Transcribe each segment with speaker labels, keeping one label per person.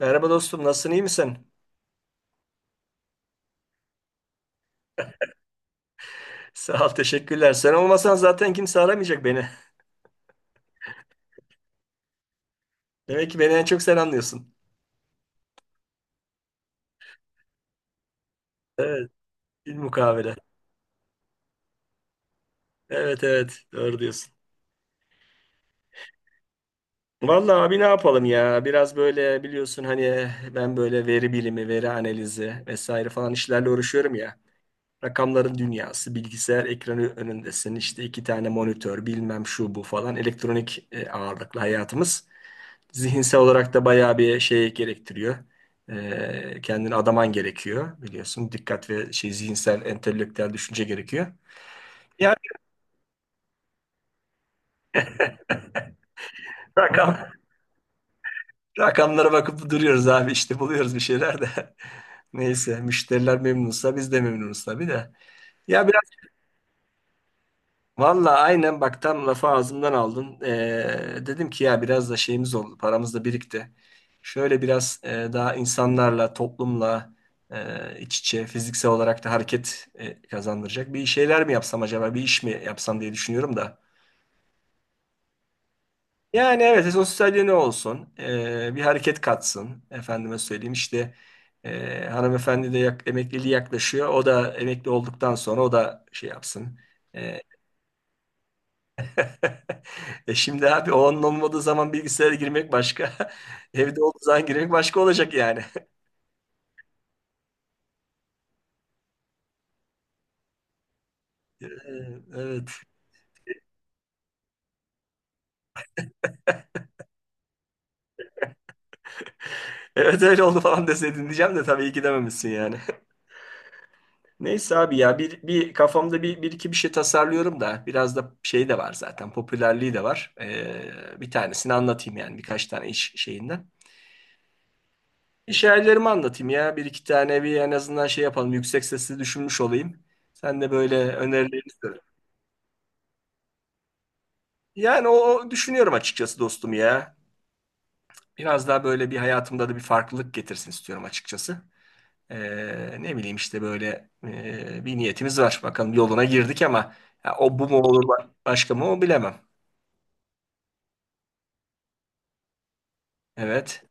Speaker 1: Merhaba dostum, nasılsın, iyi misin? Sağ ol, teşekkürler. Sen olmasan zaten kimse aramayacak beni. Demek ki beni en çok sen anlıyorsun. Evet, bir mukabele. Evet, evet, doğru diyorsun. Vallahi abi ne yapalım ya? Biraz böyle biliyorsun hani ben böyle veri bilimi, veri analizi vesaire falan işlerle uğraşıyorum ya. Rakamların dünyası, bilgisayar ekranı önündesin, işte iki tane monitör, bilmem şu bu falan elektronik ağırlıklı hayatımız. Zihinsel olarak da bayağı bir şey gerektiriyor. Kendini adaman gerekiyor biliyorsun. Dikkat ve şey zihinsel, entelektüel düşünce gerekiyor. Yani rakam, rakamlara bakıp duruyoruz abi işte buluyoruz bir şeyler de. Neyse müşteriler memnunsa biz de memnunuz tabii de. Ya valla aynen bak tam lafı ağzımdan aldın. Dedim ki ya biraz da şeyimiz oldu, paramız da birikti. Şöyle biraz daha insanlarla, toplumla iç içe, fiziksel olarak da hareket kazandıracak bir şeyler mi yapsam acaba, bir iş mi yapsam diye düşünüyorum da. Yani evet, sosyalliği ne olsun, bir hareket katsın. Efendime söyleyeyim işte hanımefendi de yak, emekliliği yaklaşıyor. O da emekli olduktan sonra o da şey yapsın. e, E şimdi abi o onun olmadığı zaman bilgisayara girmek başka. Evde olduğu zaman girmek başka olacak yani. Ee, Evet. Evet öyle oldu falan deseydin diyeceğim de tabii iyi ki dememişsin yani. Neyse abi ya bir kafamda bir iki bir şey tasarlıyorum da biraz da şey de var zaten popülerliği de var. Bir tanesini anlatayım yani birkaç tane iş şeyinden. İş Anlatayım ya bir iki tane bir en azından şey yapalım yüksek sesli düşünmüş olayım. Sen de böyle önerilerini söyle. Yani o düşünüyorum açıkçası dostum ya. Biraz daha böyle bir hayatımda da bir farklılık getirsin istiyorum açıkçası. Ne bileyim işte böyle bir niyetimiz var. Bakalım yoluna girdik ama ya o bu mu olur başka mı o bilemem. Evet,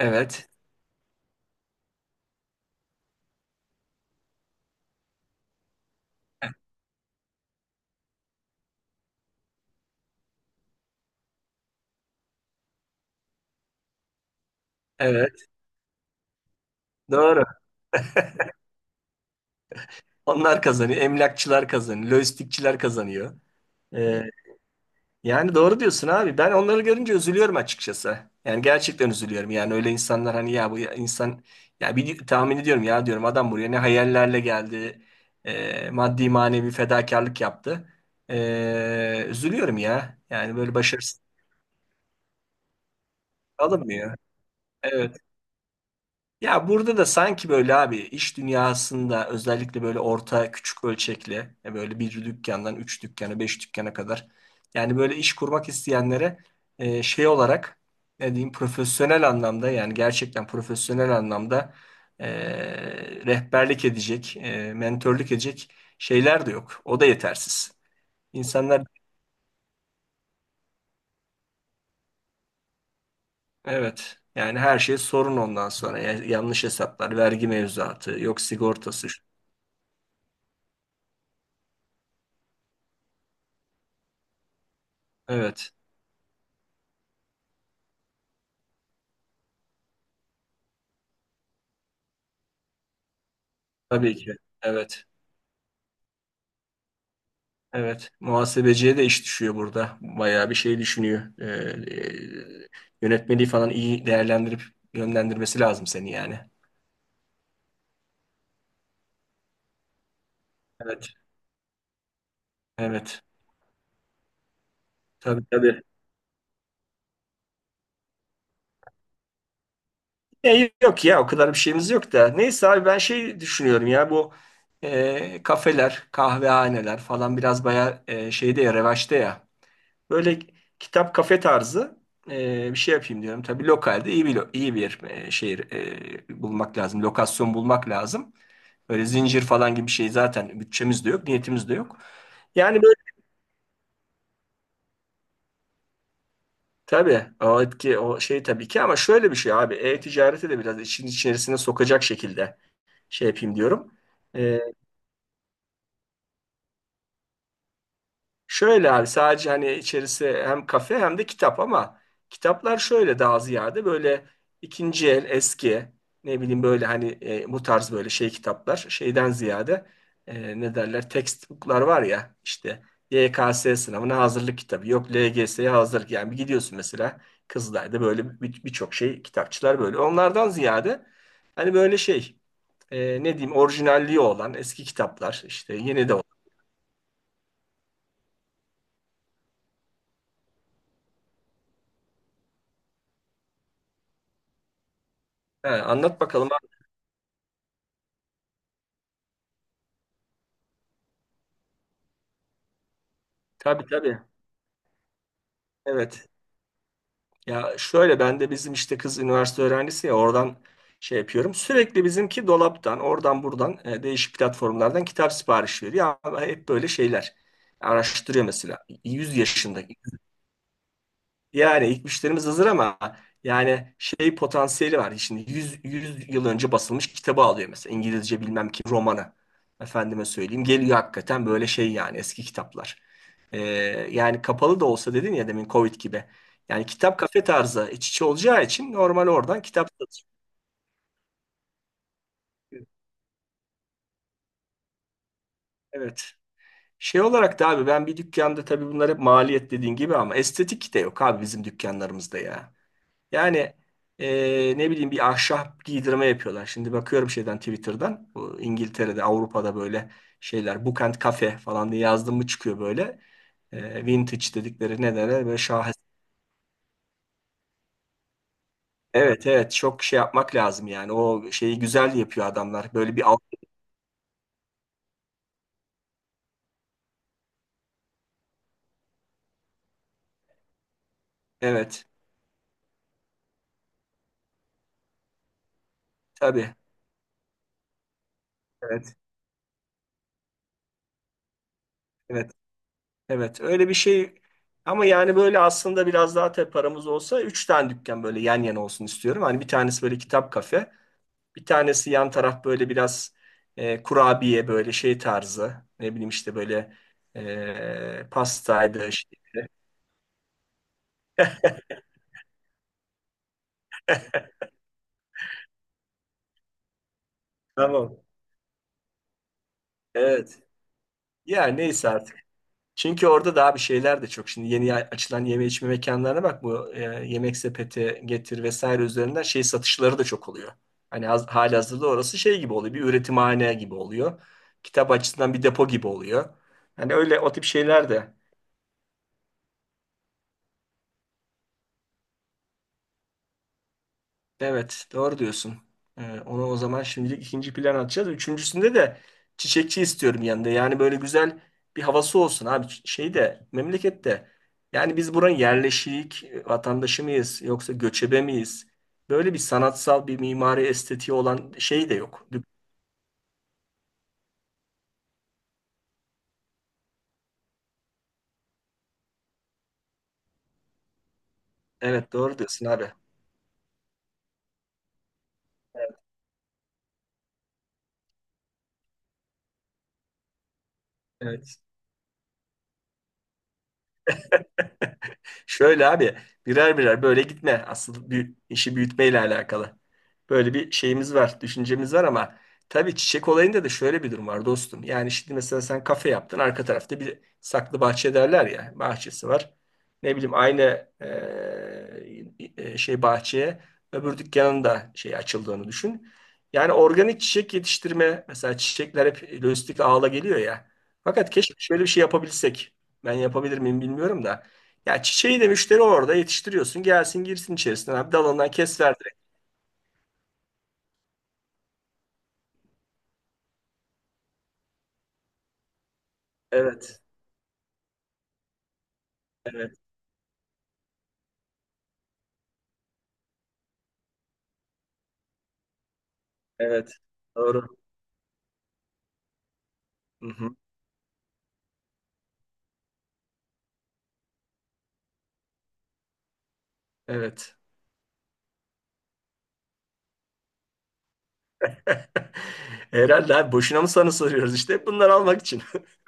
Speaker 1: evet, evet. Doğru. Onlar kazanıyor. Emlakçılar kazanıyor. Lojistikçiler kazanıyor. Ee, Yani doğru diyorsun abi. Ben onları görünce üzülüyorum açıkçası. Yani gerçekten üzülüyorum. Yani öyle insanlar hani ya insan ya bir tahmin ediyorum ya diyorum adam buraya ne hayallerle geldi. Maddi manevi fedakarlık yaptı. E, üzülüyorum ya. Yani böyle başarısız alınmıyor. Evet. Ya burada da sanki böyle abi iş dünyasında özellikle böyle orta küçük ölçekli böyle bir dükkandan üç dükkana beş dükkana kadar yani böyle iş kurmak isteyenlere şey olarak ne diyeyim profesyonel anlamda yani gerçekten profesyonel anlamda e, rehberlik edecek mentörlük edecek şeyler de yok. O da yetersiz. İnsanlar evet yani her şey sorun ondan sonra yanlış hesaplar vergi mevzuatı yok sigortası evet. Tabii ki. Evet. Evet. Muhasebeciye de iş düşüyor burada. Bayağı bir şey düşünüyor. E, Yönetmeliği falan iyi değerlendirip yönlendirmesi lazım seni yani. Evet. Evet. Tabii tabii. E, yok ya o kadar bir şeyimiz yok da. Neyse abi ben şey düşünüyorum ya bu kafeler, kahvehaneler falan biraz bayağı şeyde ya revaçta ya. Böyle kitap kafe tarzı bir şey yapayım diyorum. Tabii lokalde iyi bir şehir bulmak lazım. Lokasyon bulmak lazım. Böyle zincir falan gibi bir şey zaten bütçemiz de yok, niyetimiz de yok. Yani böyle tabii o etki o şey tabii ki ama şöyle bir şey abi e-ticareti de biraz işin içerisine sokacak şekilde şey yapayım diyorum. Şöyle abi sadece hani içerisi hem kafe hem de kitap ama kitaplar şöyle daha ziyade böyle ikinci el eski ne bileyim böyle hani bu tarz böyle şey kitaplar şeyden ziyade ne derler textbooklar var ya işte YKS sınavına hazırlık kitabı yok LGS'ye hazırlık yani bir gidiyorsun mesela Kızılay'da böyle birçok şey kitapçılar böyle onlardan ziyade hani böyle şey e, ne diyeyim orijinalliği olan eski kitaplar işte yeni de olan. Ha, anlat bakalım abi. Tabii tabii. Evet. Ya şöyle ben de bizim işte kız üniversite öğrencisi ya oradan şey yapıyorum. Sürekli bizimki dolaptan, oradan buradan değişik platformlardan kitap sipariş veriyor. Ya hep böyle şeyler. Araştırıyor mesela. 100 yaşında yani ilk müşterimiz hazır ama yani şey potansiyeli var. Şimdi 100 yıl önce basılmış kitabı alıyor mesela İngilizce bilmem ki romanı. Efendime söyleyeyim geliyor hakikaten böyle şey yani eski kitaplar. Ee, Yani kapalı da olsa dedin ya demin Covid gibi. Yani kitap kafe tarzı iç içe olacağı için normal oradan kitap satıyor. Evet. Şey olarak da abi ben bir dükkanda tabii bunlar hep maliyet dediğin gibi ama estetik de yok abi bizim dükkanlarımızda ya. Yani ne bileyim bir ahşap giydirme yapıyorlar. Şimdi bakıyorum şeyden Twitter'dan. Bu İngiltere'de, Avrupa'da böyle şeyler Book and Cafe falan diye yazdım mı çıkıyor böyle. E, vintage dedikleri ne derler böyle şahes. Evet evet çok şey yapmak lazım yani. O şeyi güzel yapıyor adamlar. Böyle bir alt. Evet tabii. Evet, evet, evet, öyle bir şey. Ama yani böyle aslında biraz daha tabii paramız olsa üç tane dükkan böyle yan yana olsun istiyorum. Hani bir tanesi böyle kitap kafe. Bir tanesi yan taraf böyle biraz kurabiye böyle şey tarzı. Ne bileyim işte böyle pastaydı. Işte. Tamam. Evet. Ya neyse artık. Çünkü orada daha bir şeyler de çok. Şimdi yeni açılan yeme içme mekanlarına bak bu yemek sepeti getir vesaire üzerinden şey satışları da çok oluyor. Halihazırda orası şey gibi oluyor. Bir üretimhane gibi oluyor. Kitap açısından bir depo gibi oluyor. Hani öyle o tip şeyler de evet, doğru diyorsun. Onu o zaman şimdilik ikinci plan atacağız. Üçüncüsünde de çiçekçi istiyorum yanında. Yani böyle güzel bir havası olsun abi. Şeyde, memlekette. Yani biz buranın yerleşik vatandaşı mıyız yoksa göçebe miyiz? Böyle bir sanatsal bir mimari estetiği olan şey de yok. Evet, doğru diyorsun abi. Evet. Şöyle abi birer birer böyle gitme. Asıl işi büyütmeyle alakalı. Böyle bir şeyimiz var, düşüncemiz var ama tabii çiçek olayında da şöyle bir durum var dostum. Yani şimdi mesela sen kafe yaptın, arka tarafta bir saklı bahçe derler ya, bahçesi var. Ne bileyim aynı şey bahçeye öbür dükkanın da şey açıldığını düşün. Yani organik çiçek yetiştirme mesela çiçekler hep lojistik ağla geliyor ya. Fakat keşke şöyle bir şey yapabilsek. Ben yapabilir miyim bilmiyorum da. Ya çiçeği de müşteri orada yetiştiriyorsun. Gelsin girsin içerisine abi. Dalından kes ver direkt. Evet. Evet. Evet. Doğru. Hı-hı. Evet. Herhalde abi boşuna mı sana soruyoruz işte. Bunları almak için.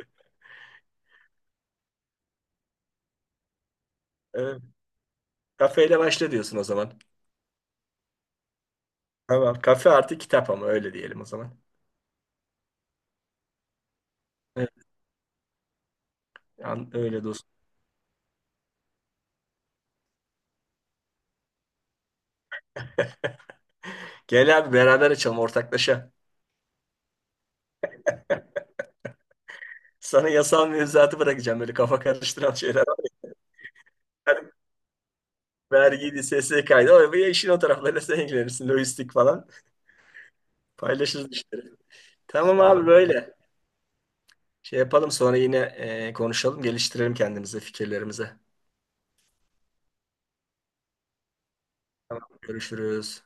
Speaker 1: Evet. Kafeyle başla diyorsun o zaman. Tamam. Kafe artı kitap ama öyle diyelim o zaman. Evet. Öyle dostum. Gel abi beraber açalım ortaklaşa. Sana yasal mevzuatı bırakacağım böyle kafa karıştıran şeyler. Vergiydi, SSK'ydı. O ya işin o taraflarıyla sen ilgilenirsin. Lojistik falan. Paylaşırız işte. Tamam abi böyle. Şey yapalım sonra yine konuşalım, geliştirelim kendimize, fikirlerimize. Tamam. Görüşürüz.